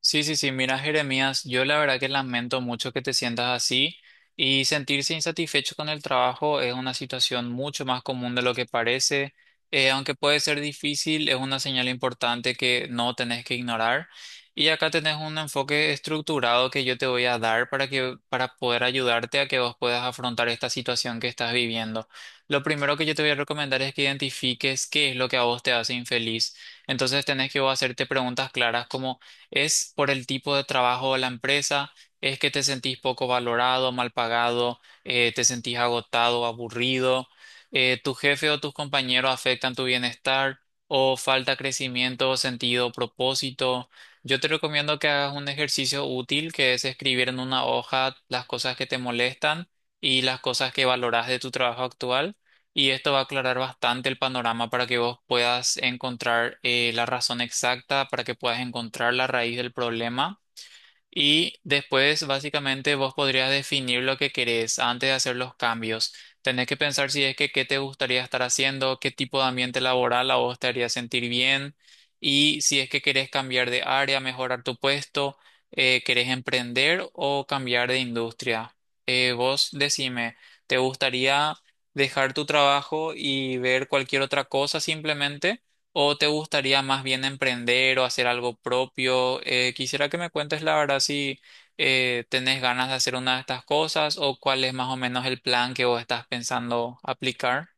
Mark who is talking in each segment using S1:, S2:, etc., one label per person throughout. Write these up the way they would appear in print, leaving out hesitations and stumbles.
S1: Sí, sí, sí, mira, Jeremías, yo la verdad que lamento mucho que te sientas así y sentirse insatisfecho con el trabajo es una situación mucho más común de lo que parece. Aunque puede ser difícil, es una señal importante que no tenés que ignorar. Y acá tenés un enfoque estructurado que yo te voy a dar para poder ayudarte a que vos puedas afrontar esta situación que estás viviendo. Lo primero que yo te voy a recomendar es que identifiques qué es lo que a vos te hace infeliz. Entonces tenés que vos hacerte preguntas claras como: ¿es por el tipo de trabajo de la empresa? ¿Es que te sentís poco valorado, mal pagado? ¿Te sentís agotado, aburrido? ¿Tu jefe o tus compañeros afectan tu bienestar? ¿O falta crecimiento, sentido, propósito? Yo te recomiendo que hagas un ejercicio útil que es escribir en una hoja las cosas que te molestan y las cosas que valoras de tu trabajo actual, y esto va a aclarar bastante el panorama para que vos puedas encontrar la razón exacta, para que puedas encontrar la raíz del problema. Y después, básicamente, vos podrías definir lo que querés antes de hacer los cambios. Tenés que pensar si es que qué te gustaría estar haciendo, qué tipo de ambiente laboral a vos te haría sentir bien, y si es que querés cambiar de área, mejorar tu puesto, querés emprender o cambiar de industria. Vos decime, ¿te gustaría dejar tu trabajo y ver cualquier otra cosa simplemente? ¿O te gustaría más bien emprender o hacer algo propio? Quisiera que me cuentes la verdad si tenés ganas de hacer una de estas cosas o cuál es más o menos el plan que vos estás pensando aplicar.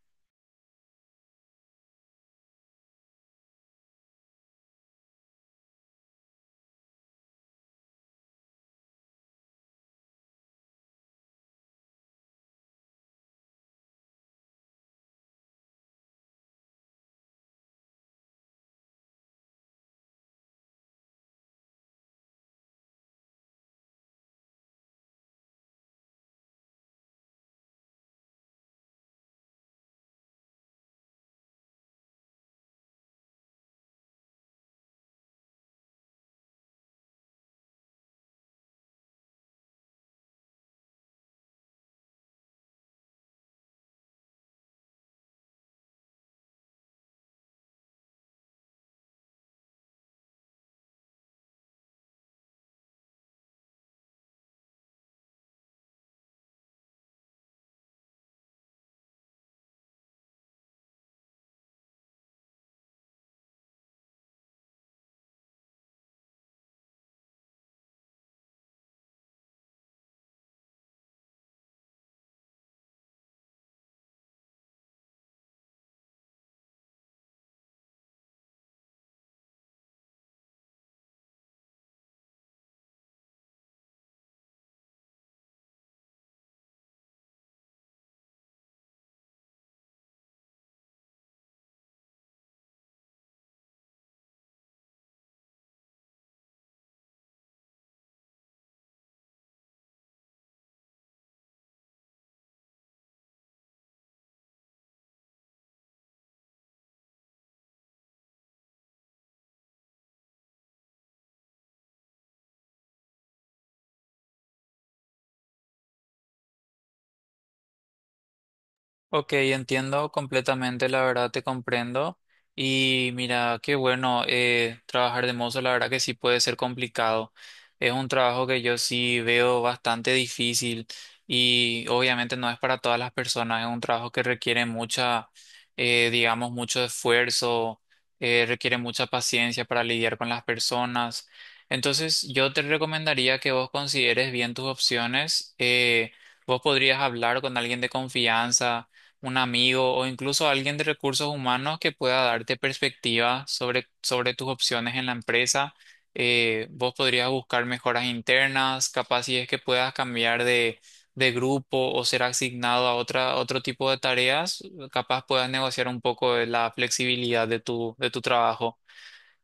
S1: Ok, entiendo completamente, la verdad te comprendo. Y mira, qué bueno, trabajar de mozo, la verdad que sí puede ser complicado. Es un trabajo que yo sí veo bastante difícil y obviamente no es para todas las personas, es un trabajo que requiere digamos, mucho esfuerzo, requiere mucha paciencia para lidiar con las personas. Entonces, yo te recomendaría que vos consideres bien tus opciones. Vos podrías hablar con alguien de confianza, un amigo o incluso alguien de recursos humanos que pueda darte perspectiva sobre tus opciones en la empresa. Vos podrías buscar mejoras internas, capaz si es que puedas cambiar de grupo o ser asignado a otro tipo de tareas, capaz puedas negociar un poco de la flexibilidad de de tu trabajo.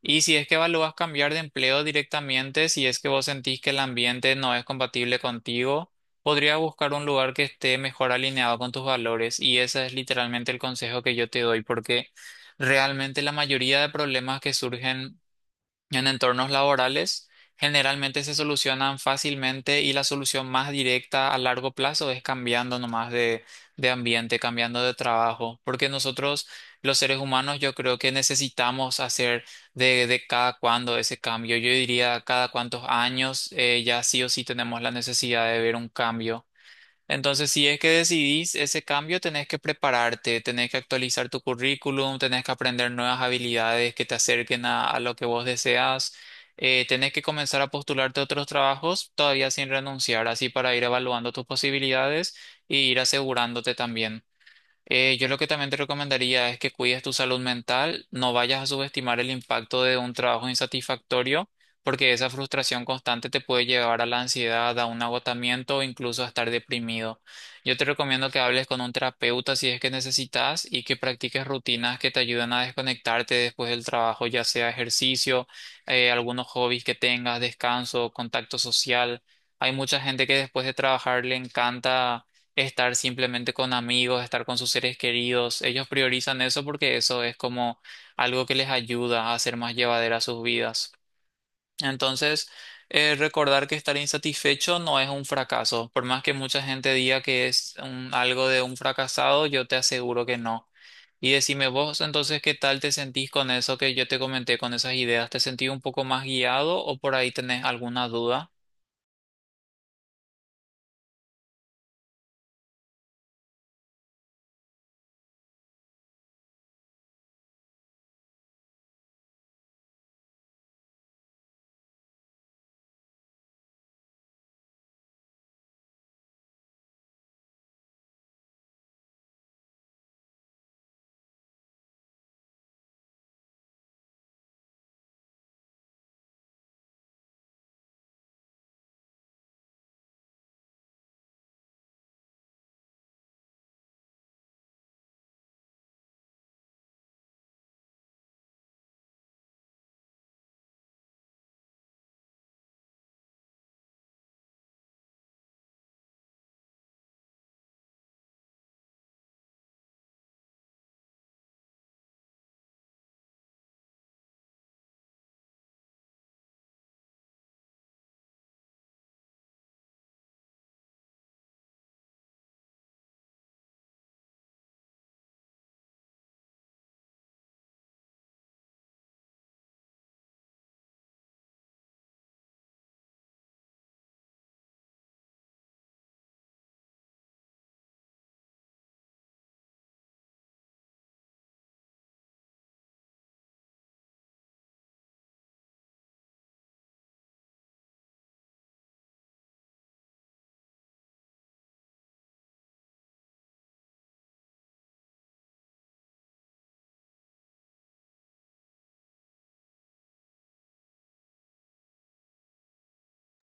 S1: Y si es que lo vas a cambiar de empleo directamente, si es que vos sentís que el ambiente no es compatible contigo, podrías buscar un lugar que esté mejor alineado con tus valores. Y ese es literalmente el consejo que yo te doy, porque realmente la mayoría de problemas que surgen en entornos laborales, generalmente se solucionan fácilmente y la solución más directa a largo plazo es cambiando nomás de ambiente, cambiando de trabajo, porque nosotros, los seres humanos, yo creo que necesitamos hacer de cada cuándo ese cambio. Yo diría cada cuántos años ya sí o sí tenemos la necesidad de ver un cambio. Entonces, si es que decidís ese cambio, tenés que prepararte, tenés que actualizar tu currículum, tenés que aprender nuevas habilidades que te acerquen a lo que vos deseas, tenés que comenzar a postularte a otros trabajos todavía sin renunciar, así para ir evaluando tus posibilidades e ir asegurándote también. Yo lo que también te recomendaría es que cuides tu salud mental, no vayas a subestimar el impacto de un trabajo insatisfactorio, porque esa frustración constante te puede llevar a la ansiedad, a un agotamiento o incluso a estar deprimido. Yo te recomiendo que hables con un terapeuta si es que necesitas y que practiques rutinas que te ayuden a desconectarte después del trabajo, ya sea ejercicio, algunos hobbies que tengas, descanso, contacto social. Hay mucha gente que después de trabajar le encanta estar simplemente con amigos, estar con sus seres queridos. Ellos priorizan eso porque eso es como algo que les ayuda a hacer más llevadera sus vidas. Entonces, recordar que estar insatisfecho no es un fracaso. Por más que mucha gente diga que es algo de un fracasado, yo te aseguro que no. Y decime vos, entonces, ¿qué tal te sentís con eso que yo te comenté, con esas ideas? ¿Te sentís un poco más guiado o por ahí tenés alguna duda?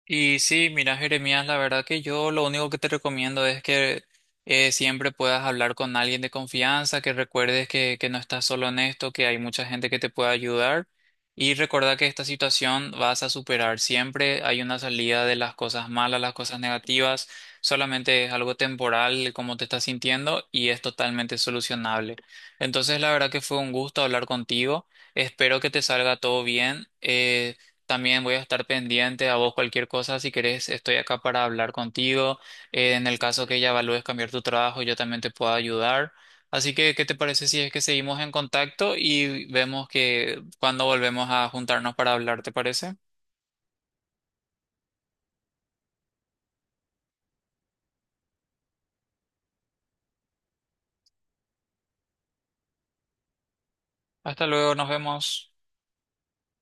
S1: Y sí, mira, Jeremías, la verdad que yo lo único que te recomiendo es que siempre puedas hablar con alguien de confianza, que recuerdes que no estás solo en esto, que hay mucha gente que te puede ayudar y recordar que esta situación vas a superar. Siempre hay una salida de las cosas malas, las cosas negativas, solamente es algo temporal como te estás sintiendo y es totalmente solucionable. Entonces, la verdad que fue un gusto hablar contigo. Espero que te salga todo bien. También voy a estar pendiente a vos cualquier cosa. Si querés, estoy acá para hablar contigo. En el caso que ya evalúes cambiar tu trabajo, yo también te puedo ayudar. Así que, ¿qué te parece si es que seguimos en contacto y vemos que cuando volvemos a juntarnos para hablar, ¿te parece? Hasta luego, nos vemos.